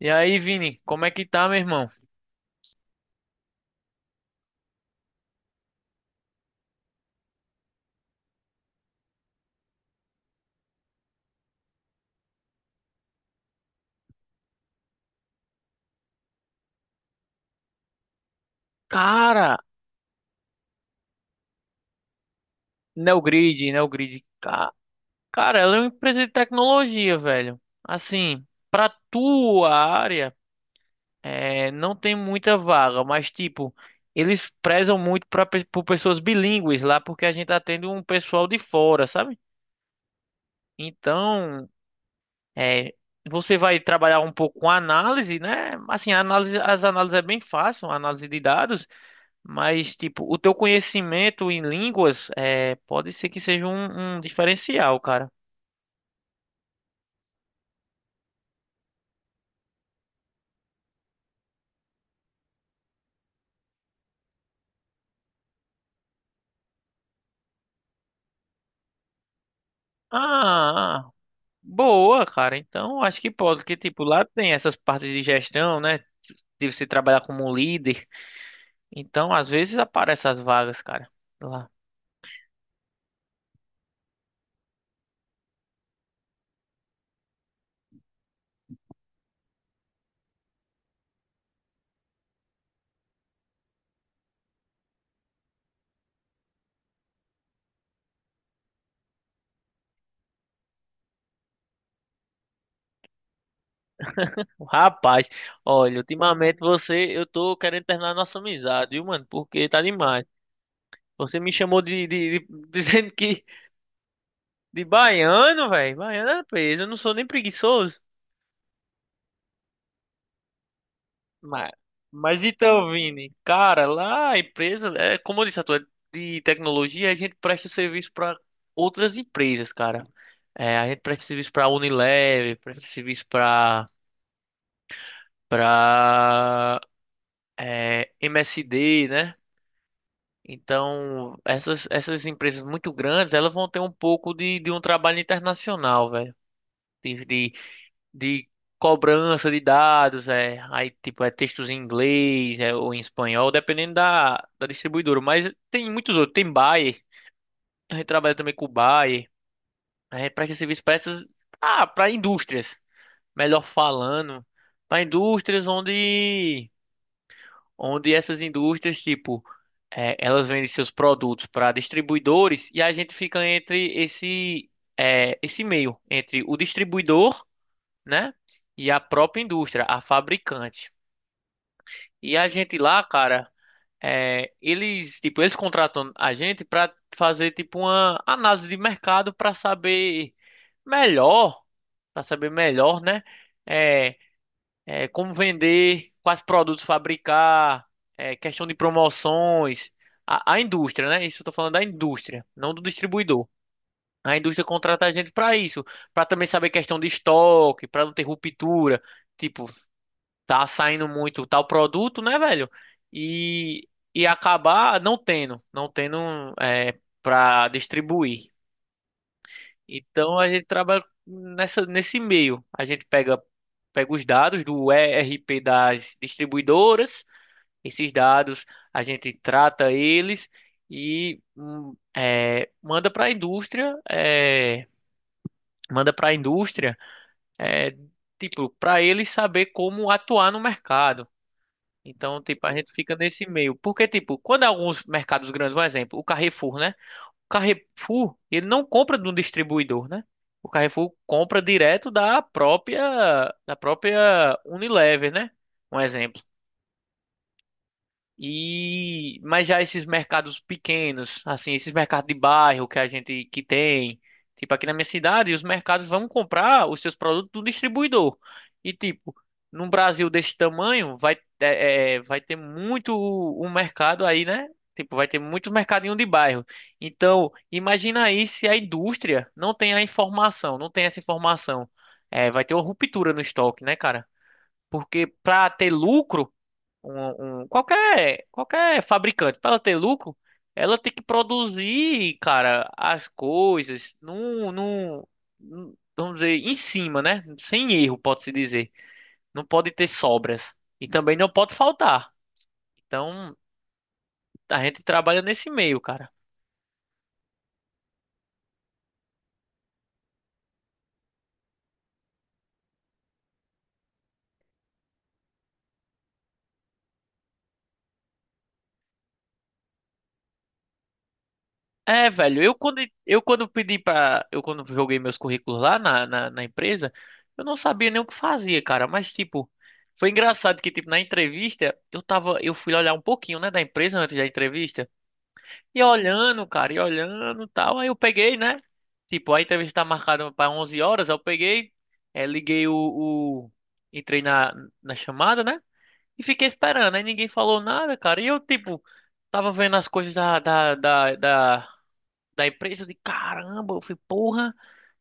E aí, Vini, como é que tá, meu irmão? Cara, Neogrid, cara, ela é uma empresa de tecnologia, velho. Assim, pra tua área, não tem muita vaga, mas tipo, eles prezam muito por pessoas bilíngues lá, porque a gente atende um pessoal de fora, sabe? Então, é, você vai trabalhar um pouco com análise, né? Assim, a análise, as análises é bem fácil, análise de dados. Mas, tipo, o teu conhecimento em línguas pode ser que seja um diferencial, cara. Ah, boa, cara. Então, acho que pode, porque, tipo, lá tem essas partes de gestão, né? De você trabalhar como um líder. Então, às vezes aparecem as vagas, cara. Lá. Rapaz, olha, ultimamente você, eu tô querendo terminar a nossa amizade, viu, mano? Porque tá demais. Você me chamou de, dizendo que de baiano, velho. Baiano é peso, eu não sou nem preguiçoso. Mas, mas, então, Vini, cara, lá a empresa, como eu disse, a tua é de tecnologia, a gente presta serviço para outras empresas, cara. É, a gente presta serviço pra Unilever, presta serviço para pra MSD, né? Então, essas, essas empresas muito grandes, elas vão ter um pouco de um trabalho internacional, velho. De, de, de cobrança de dados. É, aí, tipo, é textos em inglês, ou em espanhol, dependendo da, da distribuidora. Mas tem muitos outros. Tem Bayer, a gente trabalha também com o Bayer. A gente presta serviço para essas... Ah, para indústrias, melhor falando. Para indústrias onde... onde essas indústrias, tipo, é, elas vendem seus produtos para distribuidores e a gente fica entre esse meio, entre o distribuidor, né, e a própria indústria, a fabricante. E a gente lá, cara, é, eles, tipo, eles contratam a gente para fazer, tipo, uma análise de mercado melhor, para saber melhor, né, é, como vender, quais produtos fabricar, questão de promoções, a indústria, né? Isso eu tô falando da indústria, não do distribuidor. A indústria contrata a gente para isso, para também saber questão de estoque, para não ter ruptura, tipo, tá saindo muito tal produto, né, velho? E, e acabar não tendo para distribuir. Então a gente trabalha nessa, nesse meio. A gente pega os dados do ERP das distribuidoras, esses dados a gente trata eles e manda para a indústria. Manda para a indústria, é, tipo, para eles saber como atuar no mercado. Então, tipo, a gente fica nesse meio. Porque, tipo, quando alguns mercados grandes, um exemplo, o Carrefour, né? Carrefour, ele não compra de um distribuidor, né? O Carrefour compra direto da própria Unilever, né? Um exemplo. E mas já esses mercados pequenos, assim, esses mercados de bairro que a gente que tem, tipo aqui na minha cidade, os mercados vão comprar os seus produtos do distribuidor. E tipo, num Brasil desse tamanho, vai ter muito um mercado aí, né? Tipo, vai ter muito mercadinho de bairro. Então, imagina aí se a indústria não tem a informação, não tem essa informação. É, vai ter uma ruptura no estoque, né, cara? Porque para ter lucro qualquer fabricante, para ela ter lucro, ela tem que produzir, cara, as coisas vamos dizer, em cima, né? Sem erro, pode-se dizer. Não pode ter sobras. E também não pode faltar. Então, a gente trabalha nesse meio, cara. É, velho, eu quando pedi para eu quando joguei meus currículos lá na empresa, eu não sabia nem o que fazia, cara, mas tipo, foi engraçado que tipo na entrevista, eu fui olhar um pouquinho, né, da empresa antes da entrevista, e olhando, cara, e olhando, tal, aí eu peguei, né? Tipo, a entrevista tá marcada para 11 horas, aí eu peguei, é, liguei o entrei na chamada, né? E fiquei esperando, aí ninguém falou nada, cara, e eu tipo tava vendo as coisas da empresa. Eu disse, caramba, eu falei, porra,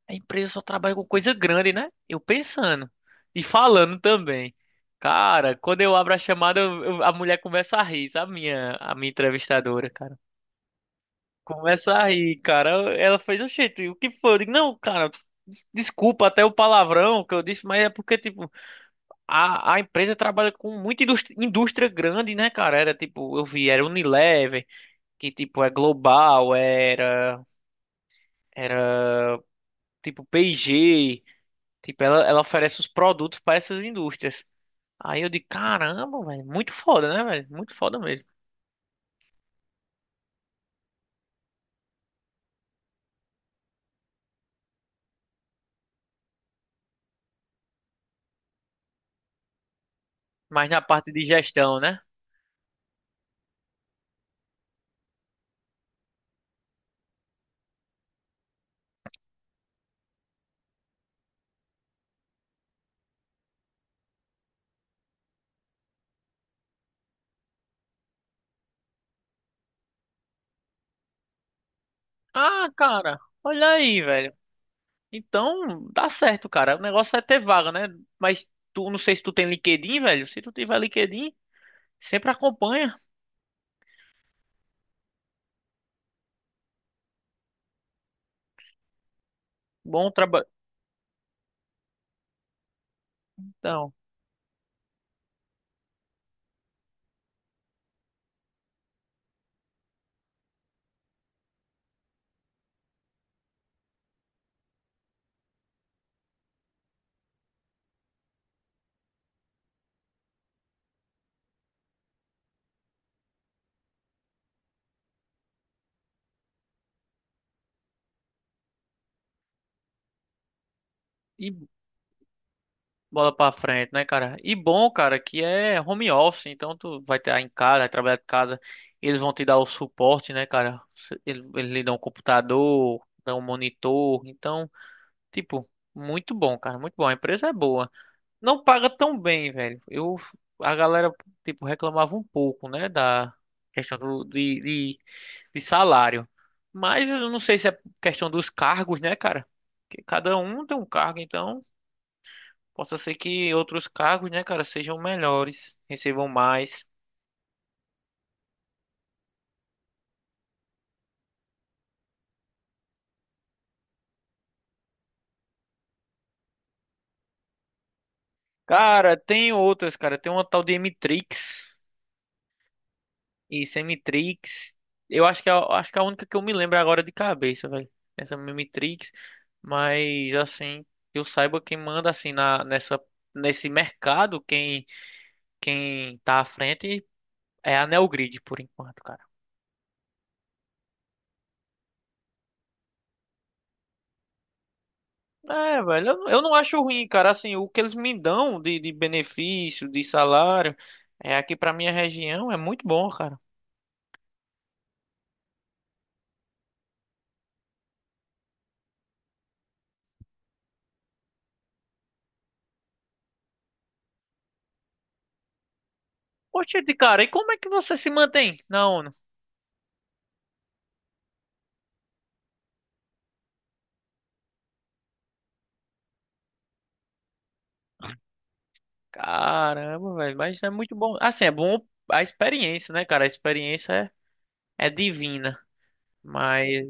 a empresa só trabalha com coisa grande, né? Eu pensando e falando também. Cara, quando eu abro a chamada, a mulher começa a rir, sabe? A minha entrevistadora, cara. Começa a rir, cara. Ela fez, oxente, o que foi? Eu digo, não, cara, desculpa até o palavrão que eu disse, mas é porque, tipo, a empresa trabalha com muita indústria, indústria grande, né, cara? Era, tipo, eu vi, era Unilever, que, tipo, é global, era, tipo, P&G. Tipo, ela oferece os produtos para essas indústrias. Aí eu digo, caramba, velho, muito foda, né, velho? Muito foda mesmo. Mas na parte de gestão, né? Ah, cara, olha aí, velho. Então, dá certo, cara. O negócio é ter vaga, né? Mas tu, não sei se tu tem LinkedIn, velho. Se tu tiver LinkedIn, sempre acompanha. Bom trabalho. Então, e Bola pra frente, né, cara? E bom, cara, que é home office, então tu vai estar em casa, vai trabalhar de casa, eles vão te dar o suporte, né, cara? Eles lhe dão um computador, dão um monitor, então, tipo, muito bom, cara, muito bom. A empresa é boa. Não paga tão bem, velho. Eu, a galera, tipo, reclamava um pouco, né, da questão do, de salário. Mas eu não sei se é questão dos cargos, né, cara? Porque cada um tem um cargo, então. Possa ser que outros cargos, né, cara, sejam melhores, recebam mais. Cara, tem outras, cara. Tem uma tal de Emitrix e Semitrix. Eu acho que é, acho que é a única que eu me lembro agora de cabeça, velho. Essa Mimitrix. Mas, assim, que eu saiba quem manda, assim, nesse mercado, quem tá à frente é a Neogrid, por enquanto, cara. É, velho, eu não acho ruim, cara. Assim, o que eles me dão de benefício, de salário, é aqui pra minha região é muito bom, cara. Poxa, de cara, e como é que você se mantém na ONU? Caramba, velho, mas é muito bom. Assim, é bom a experiência, né, cara? A experiência é divina. Mas,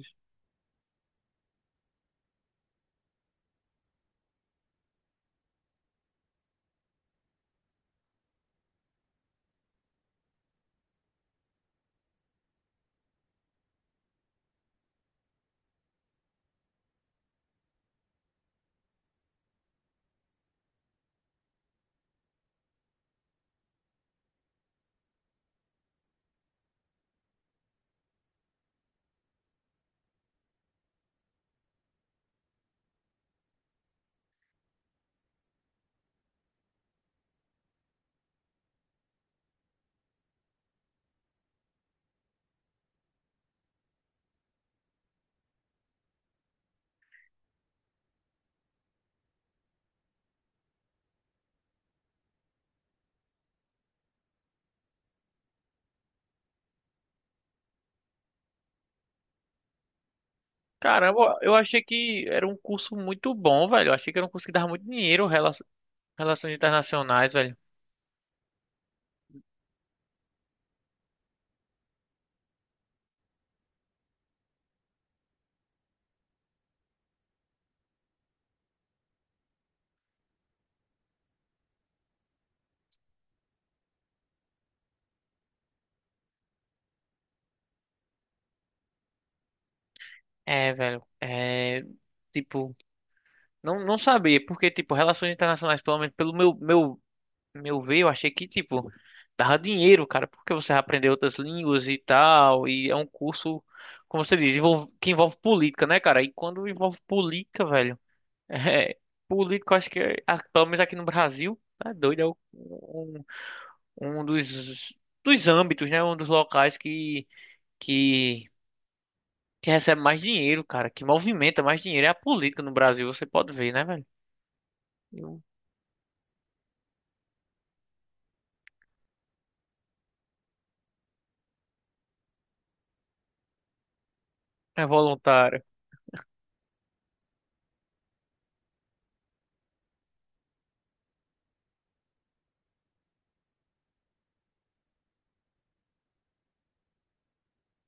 caramba, eu achei que era um curso muito bom, velho. Eu achei que era um curso que dava muito dinheiro, relações internacionais, velho. É, velho, é. Tipo, não não sabia, porque, tipo, relações internacionais, pelo menos pelo meu ver, eu achei que, tipo, dava dinheiro, cara, porque você vai aprender outras línguas e tal, e é um curso, como você diz, que envolve política, né, cara? E quando envolve política, velho, é, político, eu acho que, ah, pelo menos aqui no Brasil, tá doido, é um dos âmbitos, né, um dos locais que, que recebe mais dinheiro, cara, que movimenta mais dinheiro, é a política no Brasil, você pode ver, né, velho? Eu- é voluntário.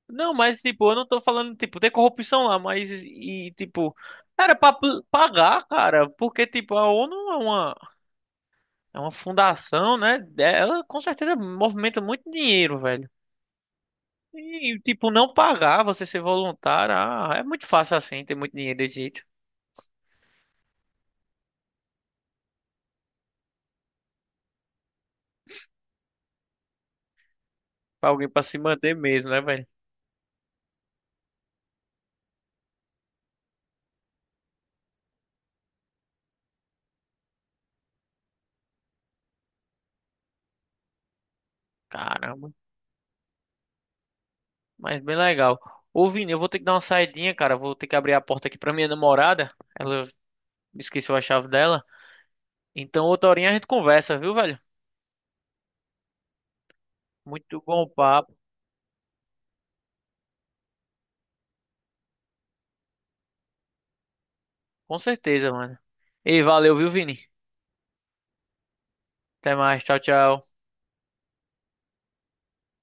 Não, mas tipo, eu não tô falando, tipo, tem corrupção lá, mas e tipo, era pra pagar, cara, porque tipo, a ONU é uma fundação, né? Ela com certeza movimenta muito dinheiro, velho. E tipo, não pagar, você ser voluntário, ah, é muito fácil assim, ter muito dinheiro desse jeito. Pra alguém pra se manter mesmo, né, velho? Caramba, mas bem legal. Ô, Vini, eu vou ter que dar uma saidinha, cara, vou ter que abrir a porta aqui pra minha namorada. Ela esqueceu a chave dela. Então, outra horinha a gente conversa, viu, velho? Muito bom papo, com certeza, mano. E valeu, viu, Vini? Até mais, tchau, tchau.